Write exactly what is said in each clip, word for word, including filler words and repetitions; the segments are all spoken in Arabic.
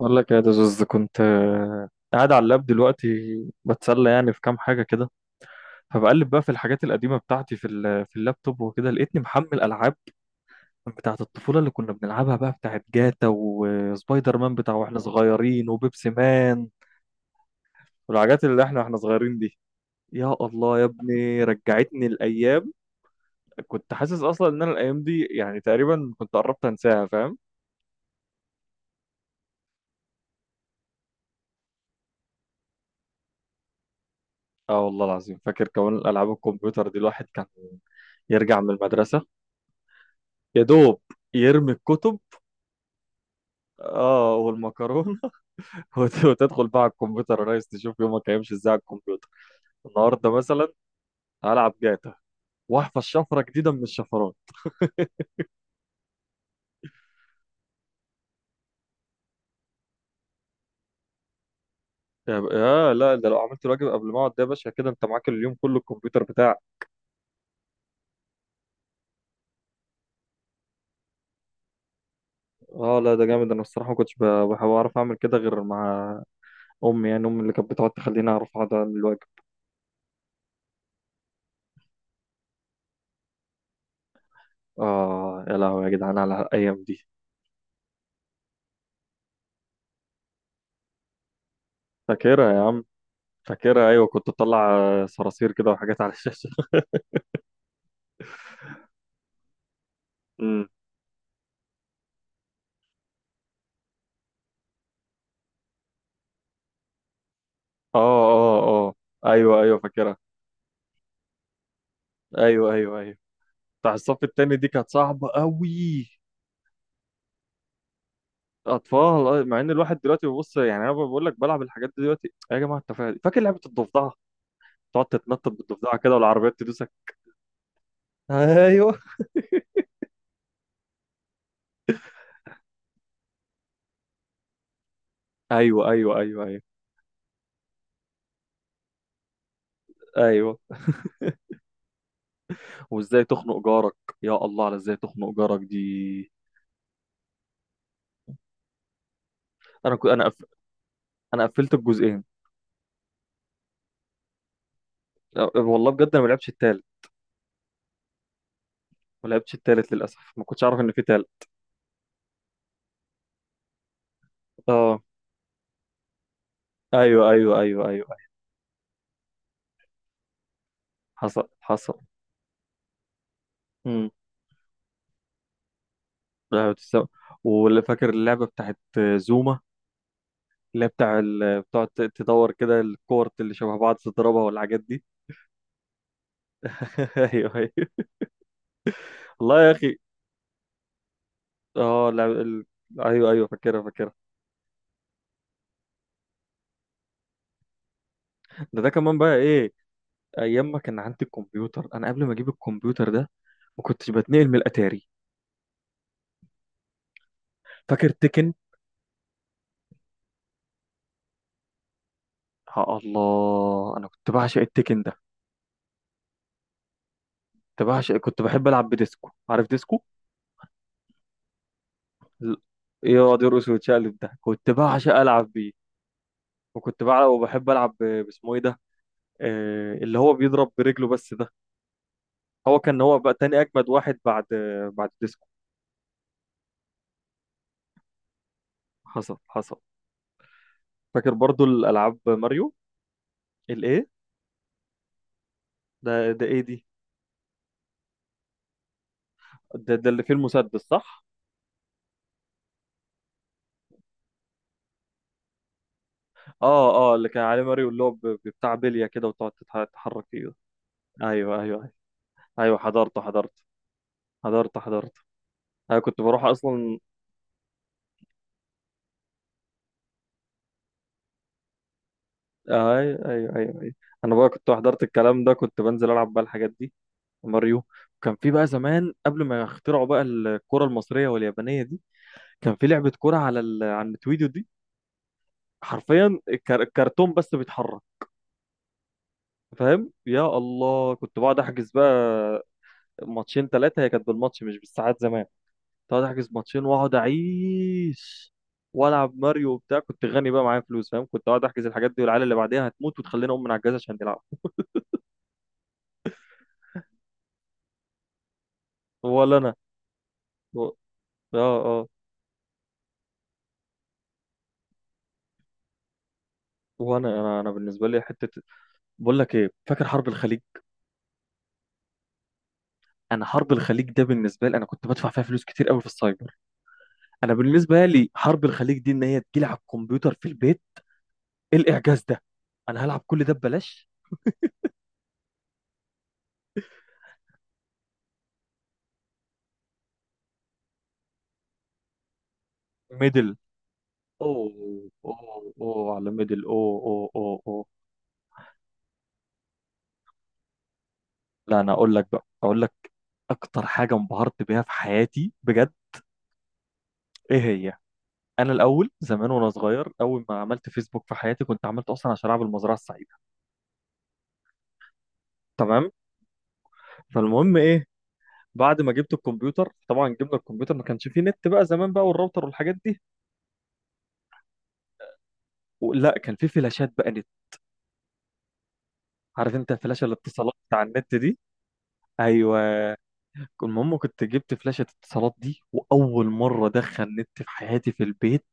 بقول لك يا دزوز كنت آه، قاعد على اللاب دلوقتي، بتسلى يعني في كام حاجة كده. فبقلب بقى في الحاجات القديمة بتاعتي في ال- في اللابتوب وكده، لقيتني محمل ألعاب بتاعة الطفولة اللي كنا بنلعبها بقى، بتاعة جاتا وسبايدر مان بتاع واحنا صغيرين وبيبسي مان. والحاجات اللي احنا واحنا صغيرين دي، يا الله يا ابني رجعتني الأيام. كنت حاسس أصلا إن أنا الأيام دي يعني تقريبا كنت قربت أنساها، فاهم؟ اه والله العظيم، فاكر كمان الألعاب الكمبيوتر دي الواحد كان يرجع من المدرسة، يا دوب يرمي الكتب. اه والمكرونه. وت- وتدخل بقى على الكمبيوتر يا ريس، تشوف يومك هيمشي ازاي على الكمبيوتر. النهارده مثلا هلعب جاتا، واحفظ شفره جديده من الشفرات. يا ب- آه لا، ده لو عملت الواجب قبل ما اقعد، ده يا باشا كده انت معاك اليوم كله الكمبيوتر بتاعك. اه لا ده جامد، انا الصراحه ما كنتش ب- بح- بعرف اعمل كده غير مع امي، يعني امي اللي كانت بتقعد تخليني اعرف اقعد اعمل الواجب. اه يا لهوي يا جدعان على الايام دي. فاكرها يا عم. فاكرها، ايوه كنت بطلع صراصير كده وحاجات على الشاشه. اه اه اه. ايوه ايوه فاكرها. ايوه ايوه ايوه. بتاع الصف التاني دي كانت صعبة قوي. اطفال. آه، مع ان الواحد دلوقتي بيبص يعني، انا بقول لك بلعب الحاجات دي دلوقتي يا جماعه، التفاهه دي. فاكر لعبه الضفدعه؟ تقعد تتنطط بالضفدعه كده والعربيات تدوسك. ايوه ايوه ايوه ايوه. ايوه ايوه. وازاي تخنق جارك، يا الله على ازاي تخنق جارك دي. انا كنت انا قف... انا قفلت الجزئين. أه، والله بجد انا ما لعبتش التالت. ما لعبتش التالت للاسف، ما كنتش اعرف ان في تالت. اه ايوه ايوه ايوه ايوه أيوة. حصل حصل. امم لا بتستوعب، واللي فاكر اللعبة بتاعت زوما، اللي هي بتاع ال... بتقعد ت- تدور كده الكور اللي شبه بعض تضربها والحاجات دي. ايوه ايوه. والله يا اخي. اه لا ال... ايوه ايوه فاكرها فاكرها. ده ده كمان بقى ايه. ايام ما كان عندي الكمبيوتر، انا قبل ما اجيب الكمبيوتر ده ما كنتش بتنقل من الاتاري. فاكر تكن؟ يا الله انا كنت بعشق التكن ده. كنت بعشق، كنت بحب العب بديسكو. عارف ديسكو؟ ال- يقعد يرقص ويتشقلب ده، كنت بعشق العب بيه. وكنت بلعب وبحب العب ب- باسمه ايه ده، آه، اللي هو بيضرب برجله بس ده. هو كان، هو بقى تاني اجمد واحد بعد، بعد ديسكو. حصل حصل. فاكر برضو الالعاب ماريو. الايه؟ ده ده ايه دي؟ ده, ده اللي فيه المسدس صح؟ اه اه، اللي كان عليه ماريو، اللي هو ب- بتاع بليه كده وتقعد تتح- تتحرك فيه ده. ايوه ايوه ايوه ايوه. حضرته حضرته حضرته حضرته. انا كنت بروح اصلا. آه، ايوه ايوه ايوه ايوه. انا بقى كنت حضرت الكلام ده، كنت بنزل العب بقى الحاجات دي. وماريو، كان في بقى زمان قبل ما يخترعوا بقى الكرة المصرية واليابانية دي، كان في لعبة كرة على ال... على النتويديو دي، حرفيا الكر- الكرتون بس بيتحرك. فاهم؟ يا الله كنت بقعد احجز بقى ماتشين ثلاثة، هي كانت بالماتش مش بالساعات زمان. كنت بقعد احجز ماتشين واقعد اعيش والعب ماريو وبتاع، كنت غني بقى معايا فلوس فاهم، كنت اقعد احجز الحاجات دي والعيال اللي بعديها هتموت وتخلينا اقوم من على الجهاز عشان نلعب. ولا انا. و... اه اه. وانا انا انا بالنسبه لي حته، بقول لك ايه، فاكر حرب الخليج؟ انا حرب الخليج ده بالنسبه لي، انا كنت بدفع فيها فلوس كتير قوي في السايبر. انا بالنسبه لي حرب الخليج دي ان هي تجيلي على الكمبيوتر في البيت. إيه الاعجاز ده، انا هلعب كل ده ببلاش. ميدل. اوه. اوه اوه على ميدل، اوه اوه اوه اوه. لا انا اقول لك بقى، اقول لك اكتر حاجه انبهرت بيها في حياتي بجد. ايه هي؟ انا الاول زمان وانا صغير، اول ما عملت فيسبوك في حياتي كنت عملته اصلا عشان العب المزرعه السعيده. تمام. فالمهم ايه، بعد ما جبت الكمبيوتر، طبعا جبنا الكمبيوتر ما كانش فيه نت بقى زمان بقى، والراوتر والحاجات دي. لا كان فيه فلاشات بقى نت. عارف انت فلاشة الاتصالات بتاع النت دي؟ ايوه. المهم كنت جبت فلاشة اتصالات دي، واول مرة ادخل نت في حياتي في البيت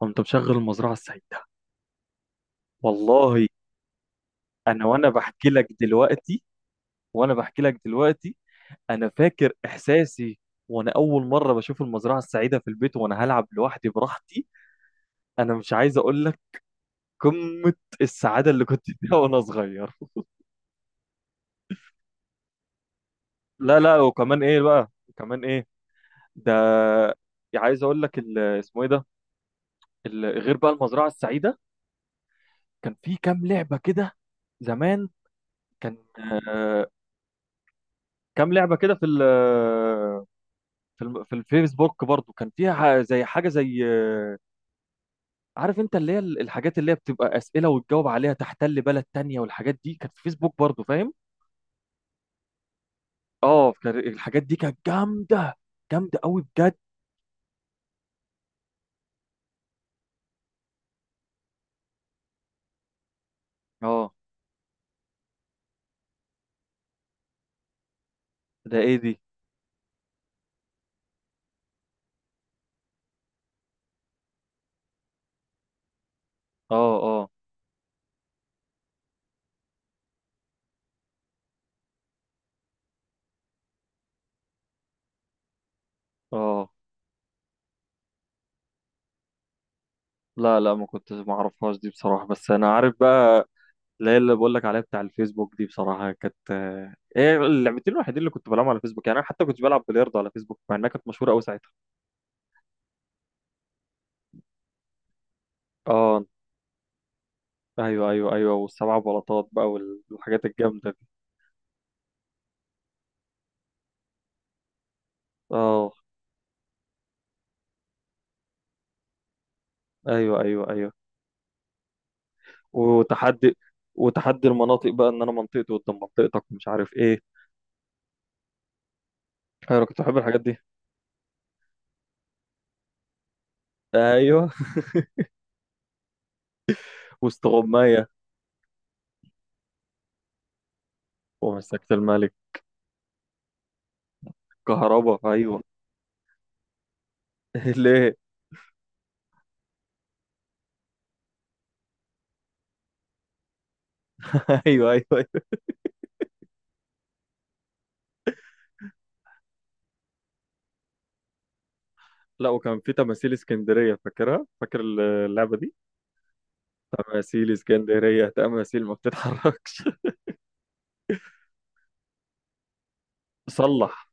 قمت مشغل المزرعة السعيدة. والله انا وانا بحكي لك دلوقتي، وانا بحكي لك دلوقتي انا فاكر احساسي وانا اول مرة بشوف المزرعة السعيدة في البيت وانا هلعب لوحدي براحتي. انا مش عايز اقول لك قمة السعادة اللي كنت فيها وأنا صغير. لا لا، وكمان إيه بقى، وكمان إيه ده، يعني عايز أقول لك ال- اسمه إيه ده، ال- غير بقى المزرعة السعيدة كان في كام لعبة كده زمان، كان آه، كام لعبة كده في ال، في الم- في الفيسبوك برضو، كان فيها ح- زي حاجة زي آه، عارف انت اللي هي ال- الحاجات اللي هي بتبقى أسئلة وتجاوب عليها، تحتل بلد تانية، والحاجات دي كانت في فيسبوك برضو، فاهم. اه كان- الحاجات دي كانت جامدة، جامدة قوي بجد. اه. ده ايه دي؟ اه اه اه. لا لا، ما كنتش، ما اعرفهاش دي بصراحة، بس انا عارف بقى اللي هي اللي بقول لك عليها بتاع الفيسبوك دي، بصراحة كانت آه، هي اللعبتين الوحيدين اللي كنت بلعبهم على الفيسبوك، يعني انا حتى كنت بلعب بلياردو على فيسبوك مع انها كانت مشهورة قوي ساعتها. اه ايوه ايوه ايوه، والسبع بلاطات بقى والحاجات الجامدة دي. اه ايوه ايوه ايوه. وتحدي، وتحدي المناطق بقى ان انا منطقتي قدام منطقتك ومش عارف ايه. انا كنت بحب الحاجات دي. ايوه. واستغماية. ومسكت الملك. كهربا، ايوه. ليه؟ ايوه ايوه ايوه. لا وكان في تماثيل اسكندريه، فاكرها؟ فاكر اللعبه دي؟ تماثيل اسكندريه، تماثيل ما بتتحركش. صلح.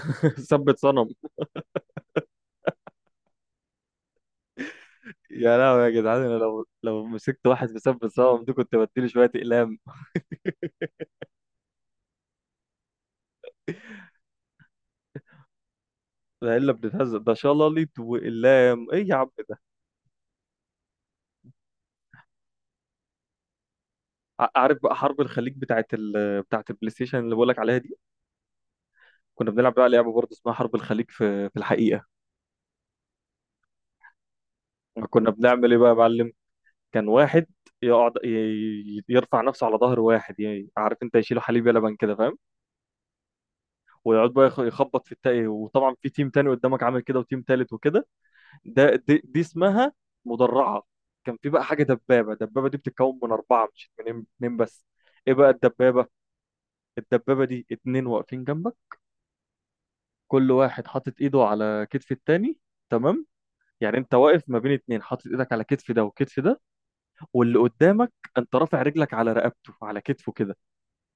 ثبت صنم. يا لهوي يا جدعان، انا لو لو مسكت واحد في ثبت صنم دي كنت بديله شويه اقلام. ده الا بتتهزق، ده شلاليت واقلام ايه يا عم ده. ع- عارف بقى حرب الخليج بتاعت ال... بتاعت البلاي ستيشن اللي بقول لك عليها دي، كنا بنلعب بقى لعبه برضه اسمها حرب الخليج في في الحقيقه. كنا بنعمل ايه بقى يا معلم، كان واحد يقعد ي- يرفع نفسه على ظهر واحد، يعني عارف انت يشيله حليب يلبن كده فاهم، ويقعد بقى يخ- يخبط في التاني، وطبعا في تيم تاني قدامك عامل كده وتيم تالت وكده. ده دي, دي اسمها مدرعة. كان في بقى حاجة دبابة، الدبابة دي بتتكون من أربعة مش من اتنين بس. ايه بقى الدبابة؟ الدبابة دي اتنين واقفين جنبك، كل واحد حاطط ايده على كتف التاني. تمام. يعني انت واقف ما بين اتنين، حاطط ايدك على كتف ده وكتف ده، واللي قدامك انت رافع رجلك على رقبته، على كتفه كده.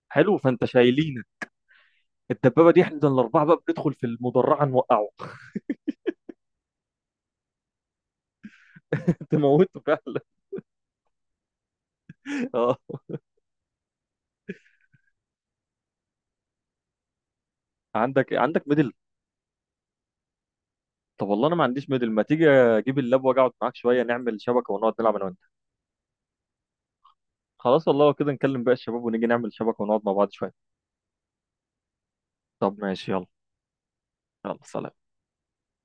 حلو، فانت شايلينه. الدبابه دي احنا الاربعه بقى بندخل في المدرعه نوقعه. تموته فعلا. اه. عندك، عندك ميدل؟ طب والله انا ما عنديش ميدل، ما تيجي اجيب اللاب واجي اقعد معاك شويه، نعمل شبكه ونقعد نلعب انا وانت. خلاص والله لو كده نكلم بقى الشباب ونيجي نعمل شبكه ونقعد مع بعض شويه. طب ماشي يلا. يلا سلام.